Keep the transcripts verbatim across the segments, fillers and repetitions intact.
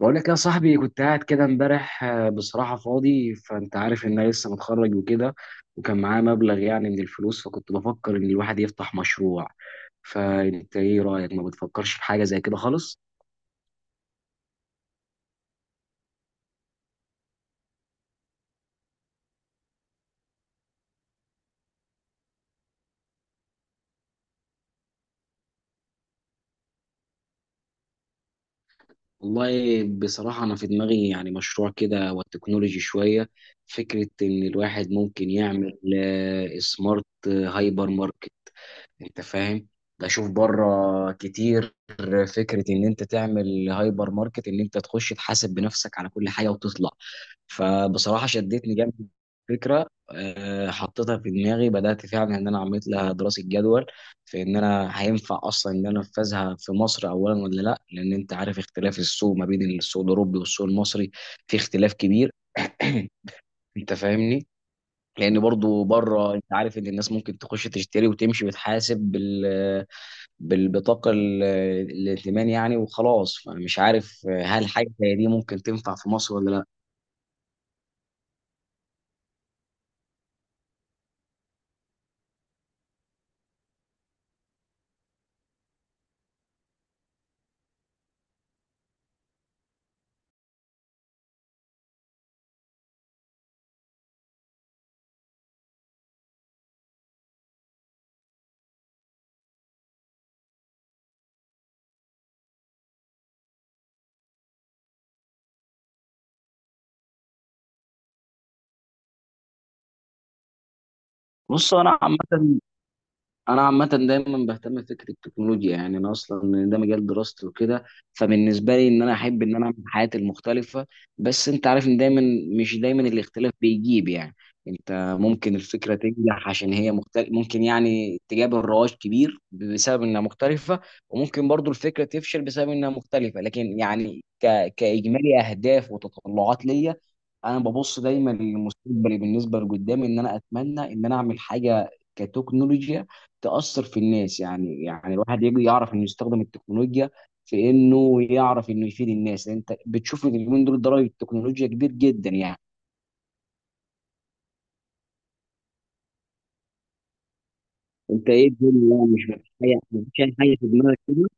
بقول لك يا صاحبي، كنت قاعد كده امبارح. آه، بصراحة فاضي، فانت عارف ان انا لسه متخرج وكده، وكان معايا مبلغ يعني من الفلوس، فكنت بفكر ان الواحد يفتح مشروع. فانت ايه رأيك؟ ما بتفكرش في حاجة زي كده خالص؟ والله بصراحة انا في دماغي يعني مشروع كده والتكنولوجي شوية. فكرة ان الواحد ممكن يعمل آه، سمارت آه، هايبر ماركت. انت فاهم؟ بشوف بره كتير، فكره ان انت تعمل هايبر ماركت، ان انت تخش تحاسب بنفسك على كل حاجه وتطلع. فبصراحه شدتني جامد الفكره. آه، حطيتها في دماغي، بدات فعلا ان انا عملت لها دراسه جدول في ان انا هينفع اصلا ان انا انفذها في مصر اولا ولا لا، لان انت عارف اختلاف السوق ما بين السوق الاوروبي والسوق المصري. في اختلاف كبير. انت فاهمني؟ لان برضو بره، انت عارف ان الناس ممكن تخش تشتري وتمشي وتحاسب بالبطاقة ال- الائتمان يعني، وخلاص. فأنا مش عارف هل حاجة زي دي ممكن تنفع في مصر ولا لا. بص أنا عامة انا عامه دايما بهتم بفكره التكنولوجيا، يعني انا اصلا ده مجال دراستي وكده. فبالنسبه لي ان انا احب ان انا اعمل حياتي المختلفه. بس انت عارف ان دايما مش دايما الاختلاف بيجيب يعني. انت ممكن الفكره تنجح عشان هي مختلف، ممكن يعني تجاب الرواج كبير بسبب انها مختلفه، وممكن برضو الفكره تفشل بسبب انها مختلفه. لكن يعني ك... كاجمالي اهداف وتطلعات ليا، انا ببص دايما لمستقبلي، بالنسبه لقدامي ان انا اتمنى ان انا اعمل حاجه كتكنولوجيا تأثر في الناس. يعني يعني الواحد يجي يعرف انه يستخدم التكنولوجيا في انه يعرف انه يفيد الناس. انت بتشوف إن اليومين دول ضرر التكنولوجيا كبير جدا يعني. انت ايه الدنيا؟ يعني مش مفيش حاجه مفيش اي حاجه في دماغك كده؟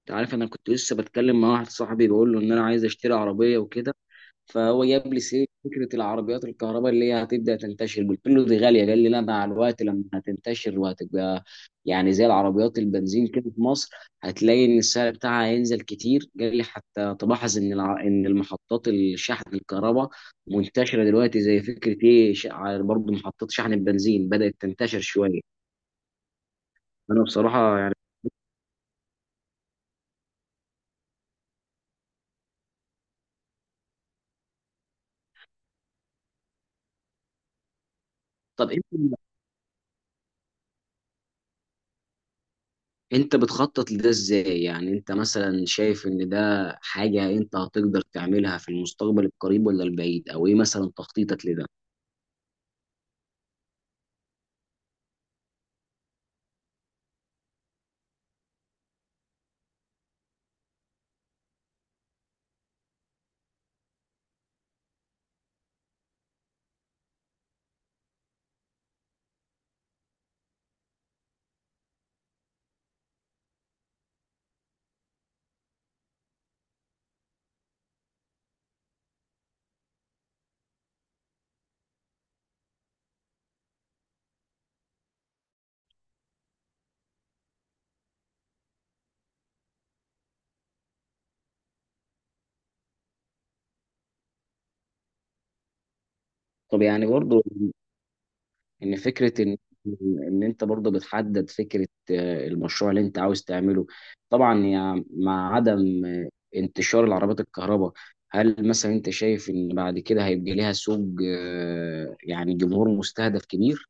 انت عارف، انا كنت لسه بتكلم مع واحد صاحبي، بقول له ان انا عايز اشتري عربيه وكده، فهو جاب لي سيره فكره العربيات الكهرباء اللي هي هتبدا تنتشر. قلت له دي غاليه، قال لي لا، مع الوقت لما هتنتشر وهتبقى يعني زي العربيات البنزين كده في مصر، هتلاقي ان السعر بتاعها هينزل كتير. قال لي حتى تلاحظ ان الع... ان المحطات الشحن الكهرباء منتشره دلوقتي، زي فكره ايه ش... برضه محطات شحن البنزين بدات تنتشر شويه. انا بصراحه يعني، طب انت انت بتخطط لده ازاي؟ يعني انت مثلا شايف ان ده حاجة انت هتقدر تعملها في المستقبل القريب ولا البعيد؟ او ايه مثلا تخطيطك لده؟ طب يعني برضو ان فكرة، ان ان انت برضو بتحدد فكرة آه، المشروع اللي انت عاوز تعمله. طبعا يعني مع عدم آه، انتشار العربيات الكهرباء، هل مثلا انت شايف ان بعد كده هيبقى ليها سوق آه، يعني جمهور مستهدف كبير؟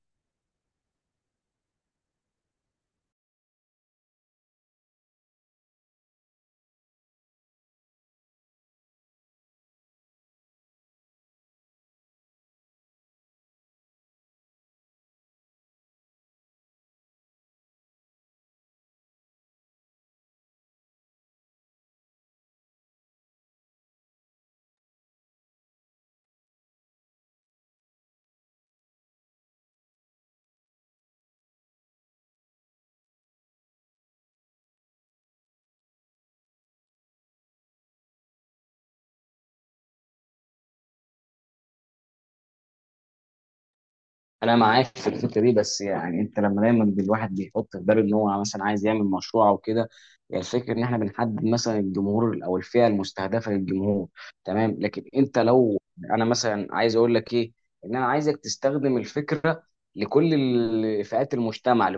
انا معاك في الفكره دي. بس يعني انت لما دايما الواحد بيحط في باله ان هو مثلا عايز يعمل مشروع او كده، يعني الفكره ان احنا بنحدد مثلا الجمهور او الفئه المستهدفه للجمهور، تمام. لكن انت لو، انا مثلا عايز اقول لك ايه، ان انا عايزك تستخدم الفكره لكل ال- فئات المجتمع،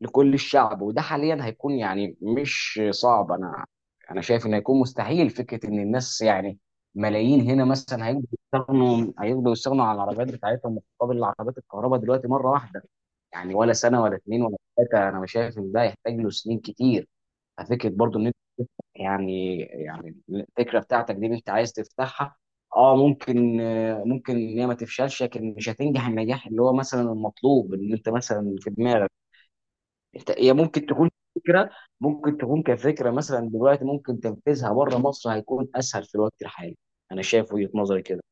لكل الشعب. وده حاليا هيكون يعني مش صعب. انا انا شايف انه هيكون مستحيل. فكره ان الناس يعني ملايين هنا مثلا هيقدروا يستغنوا، هيقدروا يستغنوا عن العربيات بتاعتهم مقابل العربيات الكهرباء دلوقتي مره واحده. يعني ولا سنه ولا اتنين ولا ثلاثه. انا مش شايف ان ده يحتاج له سنين كتير. ففكره برضو ان انت، يعني يعني الفكره بتاعتك دي اللي انت عايز تفتحها، اه ممكن، آه، ممكن ان هي ما تفشلش، لكن مش هتنجح النجاح اللي هو مثلا المطلوب ان انت مثلا في دماغك. انت، هي ممكن تكون فكره ممكن تكون كفكره مثلا دلوقتي. ممكن تنفيذها بره مصر هيكون اسهل في الوقت الحالي. انا شايف وجهه نظري كده.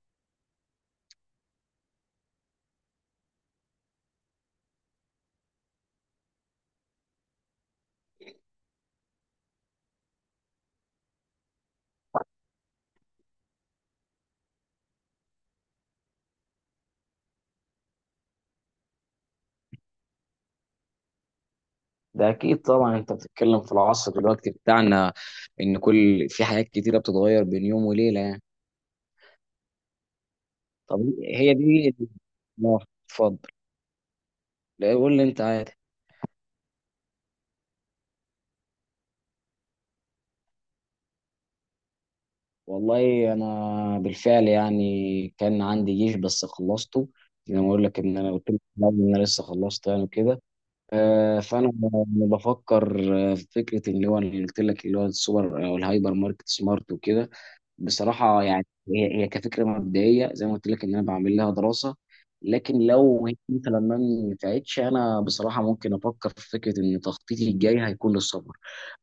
ده اكيد طبعا، انت بتتكلم في العصر دلوقتي بتاعنا، ان كل، في حاجات كتيره بتتغير بين يوم وليله يعني. طب هي دي اه، اتفضل. لا قول لي انت، عادي. والله انا بالفعل يعني كان عندي جيش بس خلصته، زي ما اقول لك ان انا قلت لك في الأول ان انا لسه خلصت يعني كده. آه، فانا بفكر آه، في فكره اللي هو اللي قلت لك، اللي هو السوبر او الهايبر ماركت سمارت وكده. بصراحه يعني هي هي كفكره مبدئيه زي ما قلت لك ان انا بعمل لها دراسه. لكن لو هي مثلا ما نفعتش، انا بصراحه ممكن افكر في فكره ان تخطيطي الجاي هيكون للسفر.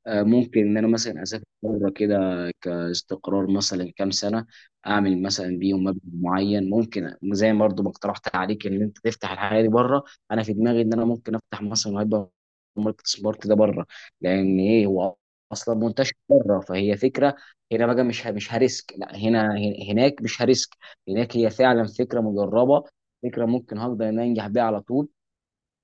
آه، ممكن ان انا مثلا اسافر بره كده كاستقرار مثلا كام سنه، اعمل مثلا بيهم مبلغ معين. ممكن زي ما برضه ما اقترحت عليك ان انت تفتح الحاجه دي بره، انا في دماغي ان انا ممكن افتح مثلا هايبر ماركت سبارت ده بره. لان ايه، هو اصلا منتشر بره. فهي فكره هنا بقى، مش ه- مش هريسك. لا، هنا، هن- هناك مش هريسك. هناك هي فعلا فكره مجربه، فكره ممكن هقدر ان أنا انجح بيها على طول،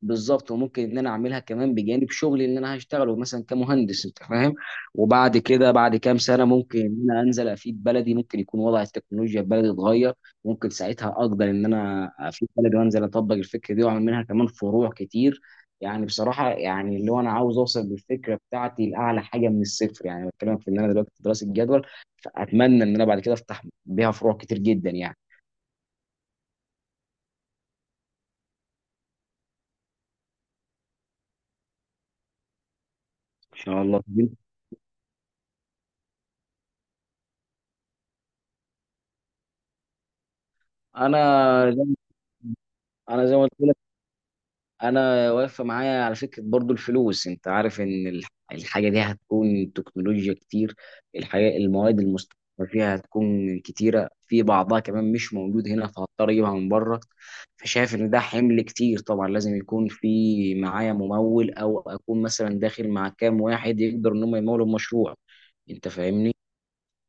بالظبط. وممكن ان انا اعملها كمان بجانب شغلي اللي انا هشتغله مثلا كمهندس. انت فاهم؟ وبعد كده بعد كام سنه ممكن ان انا انزل افيد بلدي، ممكن يكون وضع التكنولوجيا في بلدي اتغير. ممكن ساعتها اقدر ان انا افيد بلدي وانزل اطبق الفكره دي، واعمل منها كمان فروع كتير. يعني بصراحه يعني اللي هو، انا عاوز اوصل بالفكره بتاعتي لاعلى حاجه من الصفر. يعني بتكلم في ان انا دلوقتي في دراسه جدول، فاتمنى ان انا بعد كده افتح بيها فروع كتير جدا يعني، ان شاء الله. انا زي انا زي ما قلت، انا واقفه معايا على فكره برضو الفلوس. انت عارف ان الح- الحاجه دي هتكون تكنولوجيا كتير. الحاجه، المواد المستخدمه فيها هتكون كتيره، في بعضها كمان مش موجود هنا فهضطر اجيبها من بره. فشايف ان ده حمل كتير. طبعا لازم يكون في معايا ممول، او اكون مثلا داخل مع كام واحد يقدر ان هم يمولوا المشروع. انت فاهمني؟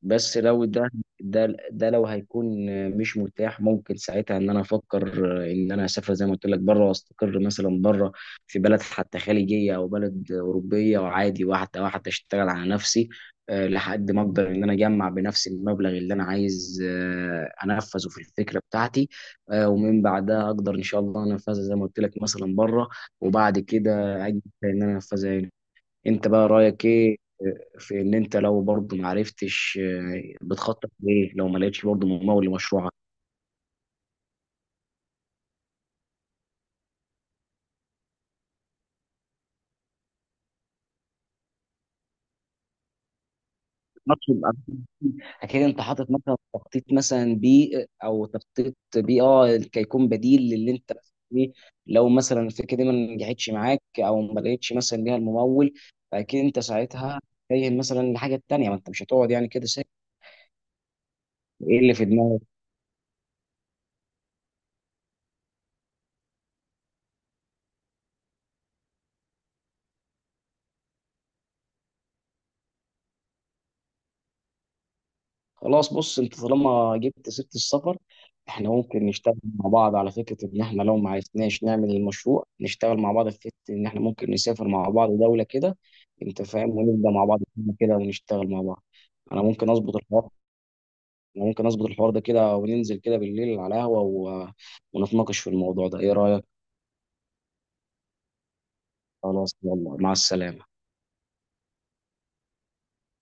بس لو ده ده ده لو هيكون مش متاح، ممكن ساعتها ان انا افكر ان انا اسافر زي ما قلت لك بره، واستقر مثلا بره في بلد حتى خليجيه او بلد اوروبيه. وعادي واحده واحده اشتغل على نفسي، آه، لحد ما اقدر ان انا اجمع بنفسي المبلغ اللي انا عايز آه، انفذه في الفكره بتاعتي. آه، ومن بعدها اقدر ان شاء الله انفذها زي ما قلت لك مثلا بره، وبعد كده اجي ان انا انفذها هنا. انت بقى رايك ايه في ان انت، لو برضه ما عرفتش، آه، بتخطط ليه لو ما لقيتش برضه ممول لمشروعك؟ مطلوب اكيد انت حاطط مثلا تخطيط مثلا بي، او تخطيط بي اه كيكون بديل للي انت فيه، لو مثلا الفكره دي ما نجحتش معاك او ما لقيتش مثلا ليها الممول. فاكيد انت ساعتها تتجه مثلا لحاجه تانيه. ما انت مش هتقعد يعني كده ساكت. ايه اللي في دماغك؟ خلاص، بص انت طالما جبت سيره السفر، احنا ممكن نشتغل مع بعض. على فكره ان احنا لو ما عرفناش نعمل المشروع، نشتغل مع بعض في فكره ان احنا ممكن نسافر مع بعض دوله كده. انت فاهم؟ ونبدا مع بعض كده ونشتغل مع بعض. انا ممكن اظبط الحوار انا ممكن اظبط الحوار ده كده، وننزل كده بالليل على قهوه و... ونتناقش في الموضوع ده. ايه رايك؟ خلاص، يلا، مع السلامه.